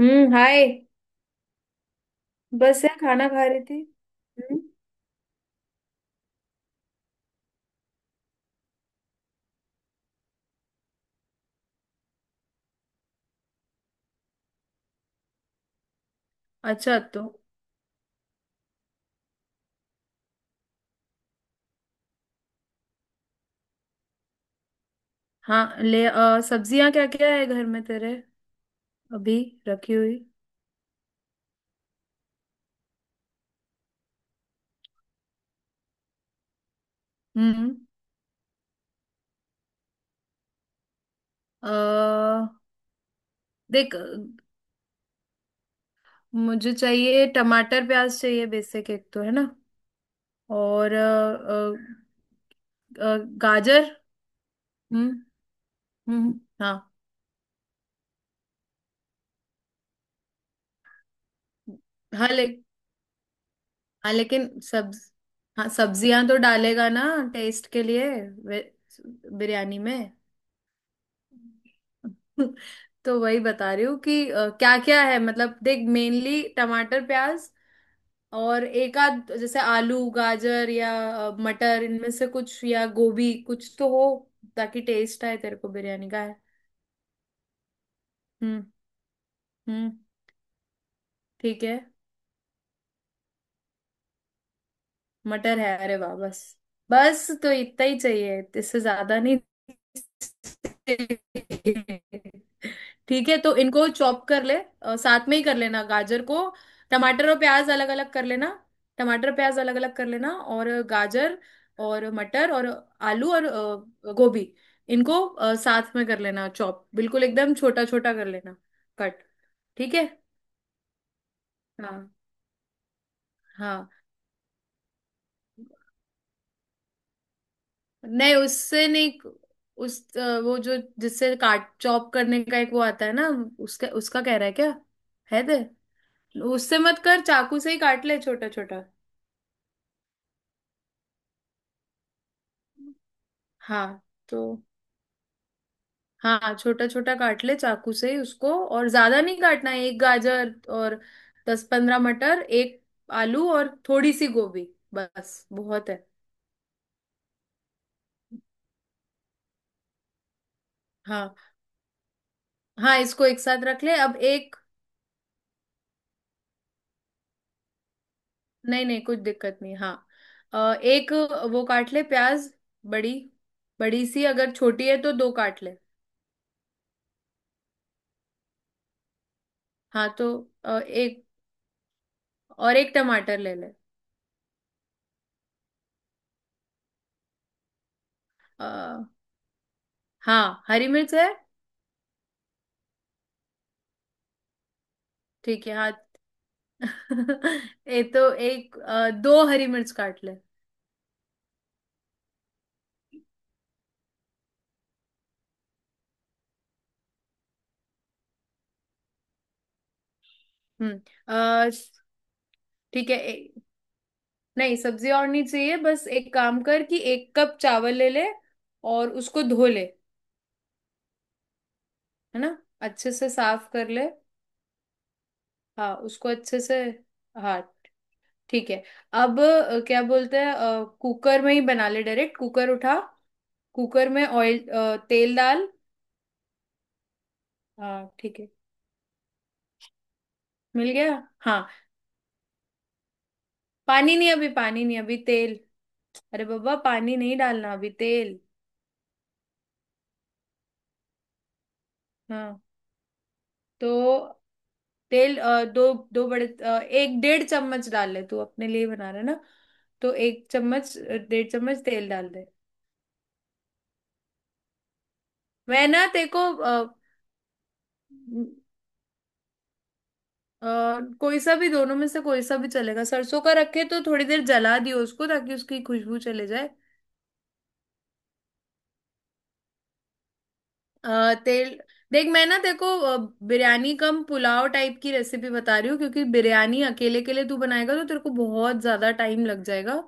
हम्म। Hi. बस यार खाना खा रही थी। हम्म। अच्छा तो। हाँ ले आ, सब्जियां क्या क्या है घर में तेरे अभी रखी हुई? हम्म। आ, देख मुझे चाहिए टमाटर प्याज चाहिए, बेसिक एक तो है ना। और अ, अ, गाजर। हम्म। हम्म। हाँ हाँ ले। हाँ लेकिन सब्ज हाँ सब्जियां तो डालेगा ना, टेस्ट के लिए वे- बिरयानी में। तो वही बता रही हूँ कि क्या क्या है, मतलब देख मेनली टमाटर प्याज और एक आध जैसे आलू गाजर या मटर, इनमें से कुछ या गोभी कुछ तो हो, ताकि टेस्ट आए तेरे को बिरयानी का। है? हम्म। हम्म। ठीक है, मटर है, अरे वाह बस। बस तो इतना ही चाहिए, इससे ज्यादा नहीं। ठीक है तो इनको चॉप कर ले, साथ में ही कर लेना गाजर को। टमाटर और प्याज अलग अलग कर लेना। टमाटर प्याज अलग अलग कर लेना, और गाजर और मटर और आलू और गोभी इनको, साथ में कर लेना चॉप, बिल्कुल एकदम छोटा छोटा कर लेना, कट। ठीक है। हाँ हाँ। नहीं उससे नहीं, वो जो जिससे काट चॉप करने का एक वो आता है ना, उसका उसका कह रहा है क्या? है दे। उससे मत कर, चाकू से ही काट ले छोटा छोटा। हाँ तो हाँ छोटा छोटा काट ले चाकू से ही उसको, और ज्यादा नहीं काटना है, एक गाजर और 10-15 मटर, एक आलू और थोड़ी सी गोभी, बस बहुत है। हाँ हाँ इसको एक साथ रख ले, अब एक, नहीं नहीं कुछ दिक्कत नहीं, हाँ एक वो काट ले प्याज, बड़ी बड़ी सी, अगर छोटी है तो दो काट ले। हाँ तो एक, और एक टमाटर ले ले। अ, हाँ हरी मिर्च है? ठीक है हाँ। ये तो एक, दो हरी मिर्च काट ले। हम्म। अ, ठीक है, नहीं सब्जी और नहीं चाहिए, बस एक काम कर कि 1 कप चावल ले ले और उसको धो ले, है ना, अच्छे से साफ कर ले। हाँ उसको अच्छे से। हाँ ठीक है, अब क्या बोलते हैं, कुकर में ही बना ले डायरेक्ट, कुकर उठा। कुकर में ऑयल, तेल डाल। हाँ ठीक है मिल गया। हाँ पानी नहीं, अभी पानी नहीं, अभी तेल। अरे बाबा पानी नहीं डालना, अभी तेल। हाँ तो तेल दो दो बड़े, एक डेढ़ चम्मच डाल ले, तू अपने लिए बना रहा है ना, तो एक चम्मच, 1.5 चम्मच तेल डाल दे। मैं ना तेरे को अ, कोई सा भी, दोनों में से कोई सा भी चलेगा। सरसों का रखे तो थोड़ी देर जला दियो उसको, ताकि उसकी खुशबू चले जाए। तेल, देख मैं ना तेरे को बिरयानी कम पुलाव टाइप की रेसिपी बता रही हूँ, क्योंकि बिरयानी अकेले के लिए तू बनाएगा तो तेरे को बहुत ज्यादा टाइम लग जाएगा।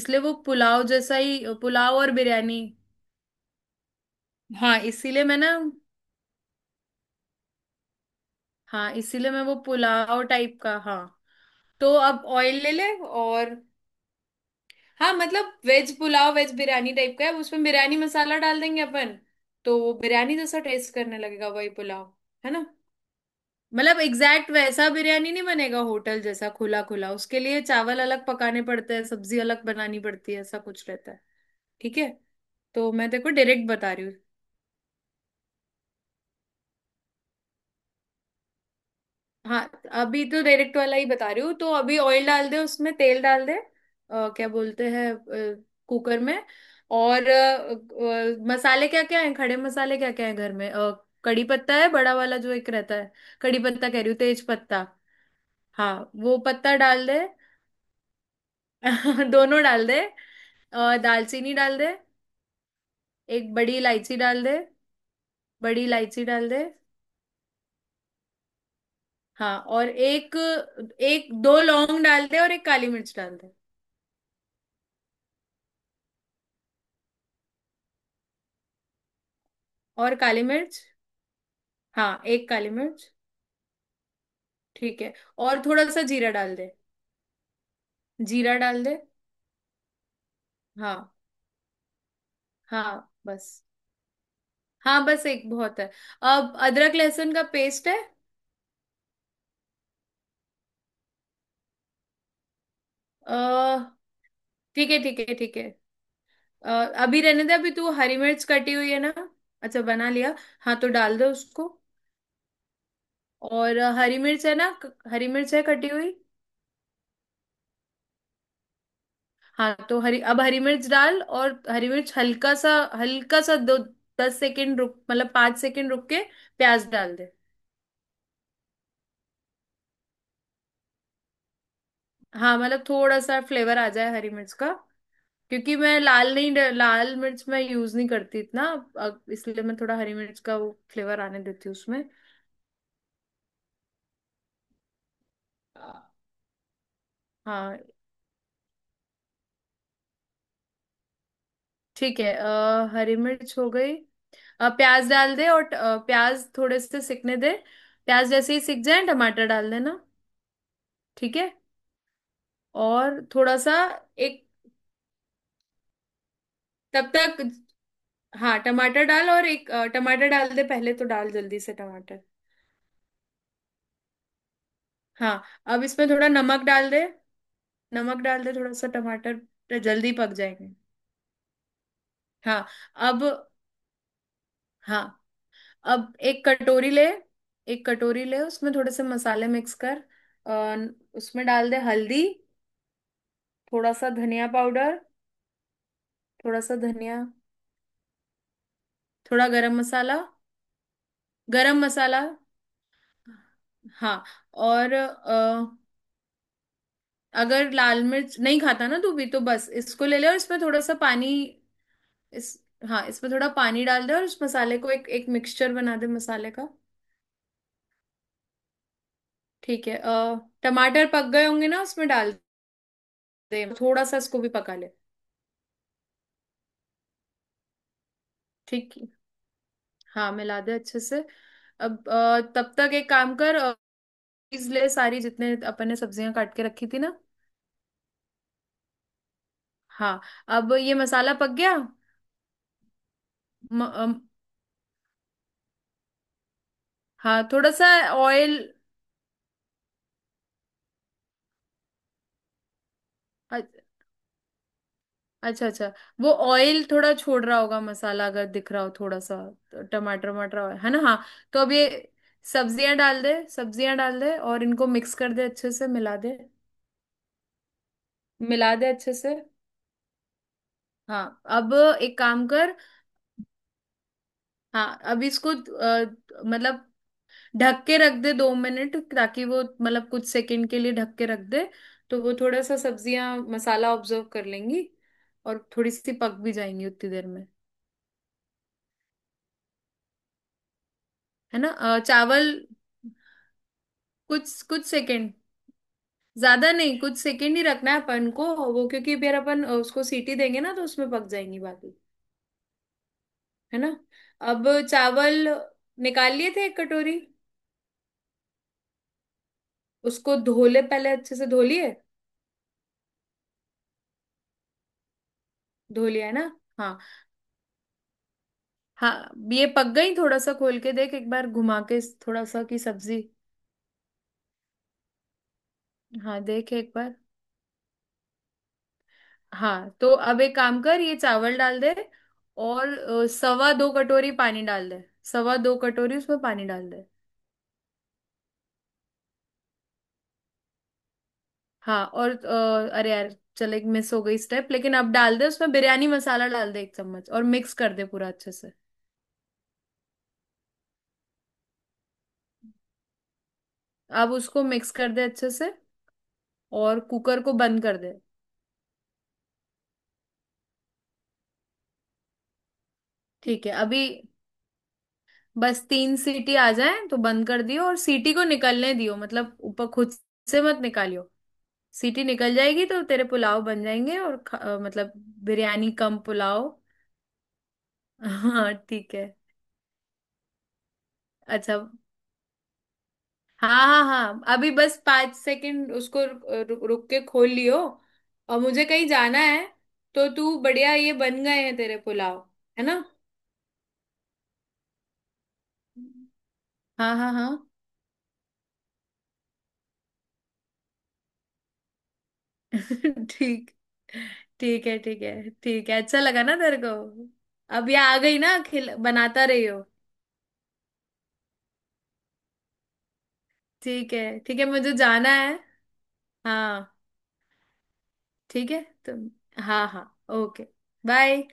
इसलिए वो पुलाव जैसा ही, पुलाव और बिरयानी। हाँ इसीलिए मैं ना, हाँ इसीलिए मैं वो पुलाव टाइप का, हाँ तो अब ऑयल ले ले। और हाँ मतलब veg pulao veg biryani type का है, उसमें बिरयानी मसाला डाल देंगे अपन, तो वो बिरयानी जैसा टेस्ट करने लगेगा, वही पुलाव, है ना। मतलब एग्जैक्ट वैसा बिरयानी नहीं बनेगा होटल जैसा खुला खुला, उसके लिए चावल अलग पकाने पड़ते हैं, सब्जी अलग बनानी पड़ती है, ऐसा कुछ रहता है। ठीक है तो मैं तेरे को डायरेक्ट बता रही हूँ। हाँ अभी तो डायरेक्ट वाला ही बता रही हूँ, तो अभी ऑयल डाल दे, उसमें तेल डाल दे, क्या बोलते हैं कुकर में, और मसाले क्या क्या हैं, खड़े मसाले क्या क्या हैं घर में? कड़ी पत्ता है, बड़ा वाला जो एक रहता है, कड़ी पत्ता कह रही हूँ, तेज पत्ता। हाँ वो पत्ता डाल दे। दोनों डाल दे। दालचीनी डाल दे। एक बड़ी इलायची डाल दे, बड़ी इलायची डाल दे। हाँ और एक, एक दो लौंग डाल दे, और एक काली मिर्च डाल दे। और काली मिर्च। हाँ एक काली मिर्च। ठीक है। और थोड़ा सा जीरा डाल दे, जीरा डाल दे, हाँ, हाँ बस, हाँ बस एक बहुत है। अब अदरक लहसुन का पेस्ट है? अ, ठीक है ठीक है ठीक है, अ, अभी रहने दे, अभी तू हरी मिर्च कटी हुई है ना, अच्छा बना लिया। हाँ तो डाल दे उसको, और हरी मिर्च है ना, हरी मिर्च है कटी हुई? हाँ तो हरी, अब हरी मिर्च डाल, और हरी मिर्च हल्का सा, हल्का सा दो, 10 सेकेंड रुक, मतलब 5 सेकेंड रुक के प्याज डाल दे। हाँ मतलब थोड़ा सा फ्लेवर आ जाए हरी मिर्च का। क्योंकि मैं लाल नहीं, लाल मिर्च मैं यूज नहीं करती इतना। अब इसलिए मैं थोड़ा हरी मिर्च का वो फ्लेवर आने देती हूँ उसमें। हाँ ठीक है, हरी मिर्च हो गई, प्याज डाल दे और प्याज थोड़े से सिकने दे, प्याज जैसे ही सिक जाए टमाटर डाल देना। ठीक है और थोड़ा सा, एक तब तक, हाँ टमाटर डाल, और एक टमाटर डाल दे पहले, तो डाल जल्दी से टमाटर। हाँ अब इसमें थोड़ा नमक डाल दे, नमक डाल दे थोड़ा सा, टमाटर तो जल्दी पक जाएंगे। हाँ अब, हाँ एक कटोरी ले, एक कटोरी ले उसमें थोड़े से मसाले मिक्स कर, और उसमें डाल दे हल्दी, थोड़ा सा धनिया पाउडर, थोड़ा सा धनिया, थोड़ा गरम मसाला, गरम मसाला। हाँ और अगर लाल मिर्च नहीं खाता ना तू भी, तो बस इसको ले ले और इसमें थोड़ा सा पानी, इस हाँ इसमें थोड़ा पानी डाल दे, और उस मसाले को एक एक मिक्सचर बना दे मसाले का। ठीक है, टमाटर पक गए होंगे ना, उसमें डाल दे थोड़ा सा, इसको भी पका ले। ठीक है हाँ मिला दे अच्छे से। अब तब तक एक काम कर, चीज़ ले सारी, जितने अपन ने सब्जियां काट के रखी थी ना। हाँ अब ये मसाला पक गया। म, अम, हाँ थोड़ा सा ऑयल। अच्छा अच्छा, वो ऑयल थोड़ा छोड़ रहा होगा मसाला, अगर दिख रहा हो थोड़ा सा, तो टमाटर वमाटर है ना, हाँ, तो अब ये सब्जियां डाल दे, सब्जियां डाल दे और इनको मिक्स कर दे अच्छे से, मिला दे, मिला दे अच्छे से। हाँ अब एक काम कर, हाँ अब इसको मतलब ढक के रख दे 2 मिनट, ताकि वो, मतलब कुछ सेकंड के लिए ढक के रख दे, तो वो थोड़ा सा सब्जियां मसाला ऑब्जर्व कर लेंगी, और थोड़ी सी पक भी जाएंगी उतनी देर में, है ना। चावल, कुछ कुछ सेकंड, ज्यादा नहीं, कुछ सेकंड ही रखना है अपन को, वो क्योंकि फिर अपन उसको सीटी देंगे ना तो उसमें पक जाएंगी बाकी, है ना। अब चावल निकाल लिए थे एक कटोरी, उसको धो ले पहले, अच्छे से धो लिए, धो लिया है ना। हाँ, हाँ ये पक गई, थोड़ा सा खोल के देख एक बार घुमा के, थोड़ा सा की सब्जी। हाँ देख एक बार। हाँ तो अब एक काम कर, ये चावल डाल दे और 2.25 कटोरी पानी डाल दे, 2.25 कटोरी उसमें पानी डाल दे। हाँ और अरे यार चल, एक मिस हो गई स्टेप, लेकिन अब डाल दे उसमें बिरयानी मसाला डाल दे, 1 चम्मच, और मिक्स कर दे पूरा अच्छे से। अब उसको मिक्स कर दे अच्छे से, और कुकर को बंद कर दे। ठीक है, अभी बस तीन सीटी आ जाए तो बंद कर दियो, और सीटी को निकलने दियो, मतलब ऊपर खुद से मत निकालियो, सीटी निकल जाएगी तो तेरे पुलाव बन जाएंगे, और मतलब बिरयानी कम पुलाव। हाँ ठीक है। अच्छा। हाँ हाँ हाँ अभी बस 5 सेकंड उसको रुक के खोल लियो, और मुझे कहीं जाना है, तो तू बढ़िया, ये बन गए हैं तेरे पुलाव, है ना। हाँ हाँ हाँ। ठीक। ठीक है ठीक है ठीक है, अच्छा लगा ना तेरे को। अब ये आ गई ना खिल बनाता रही हो। ठीक है मुझे जाना है। हाँ। ठीक है तुम। हाँ हाँ। ओके। बाय।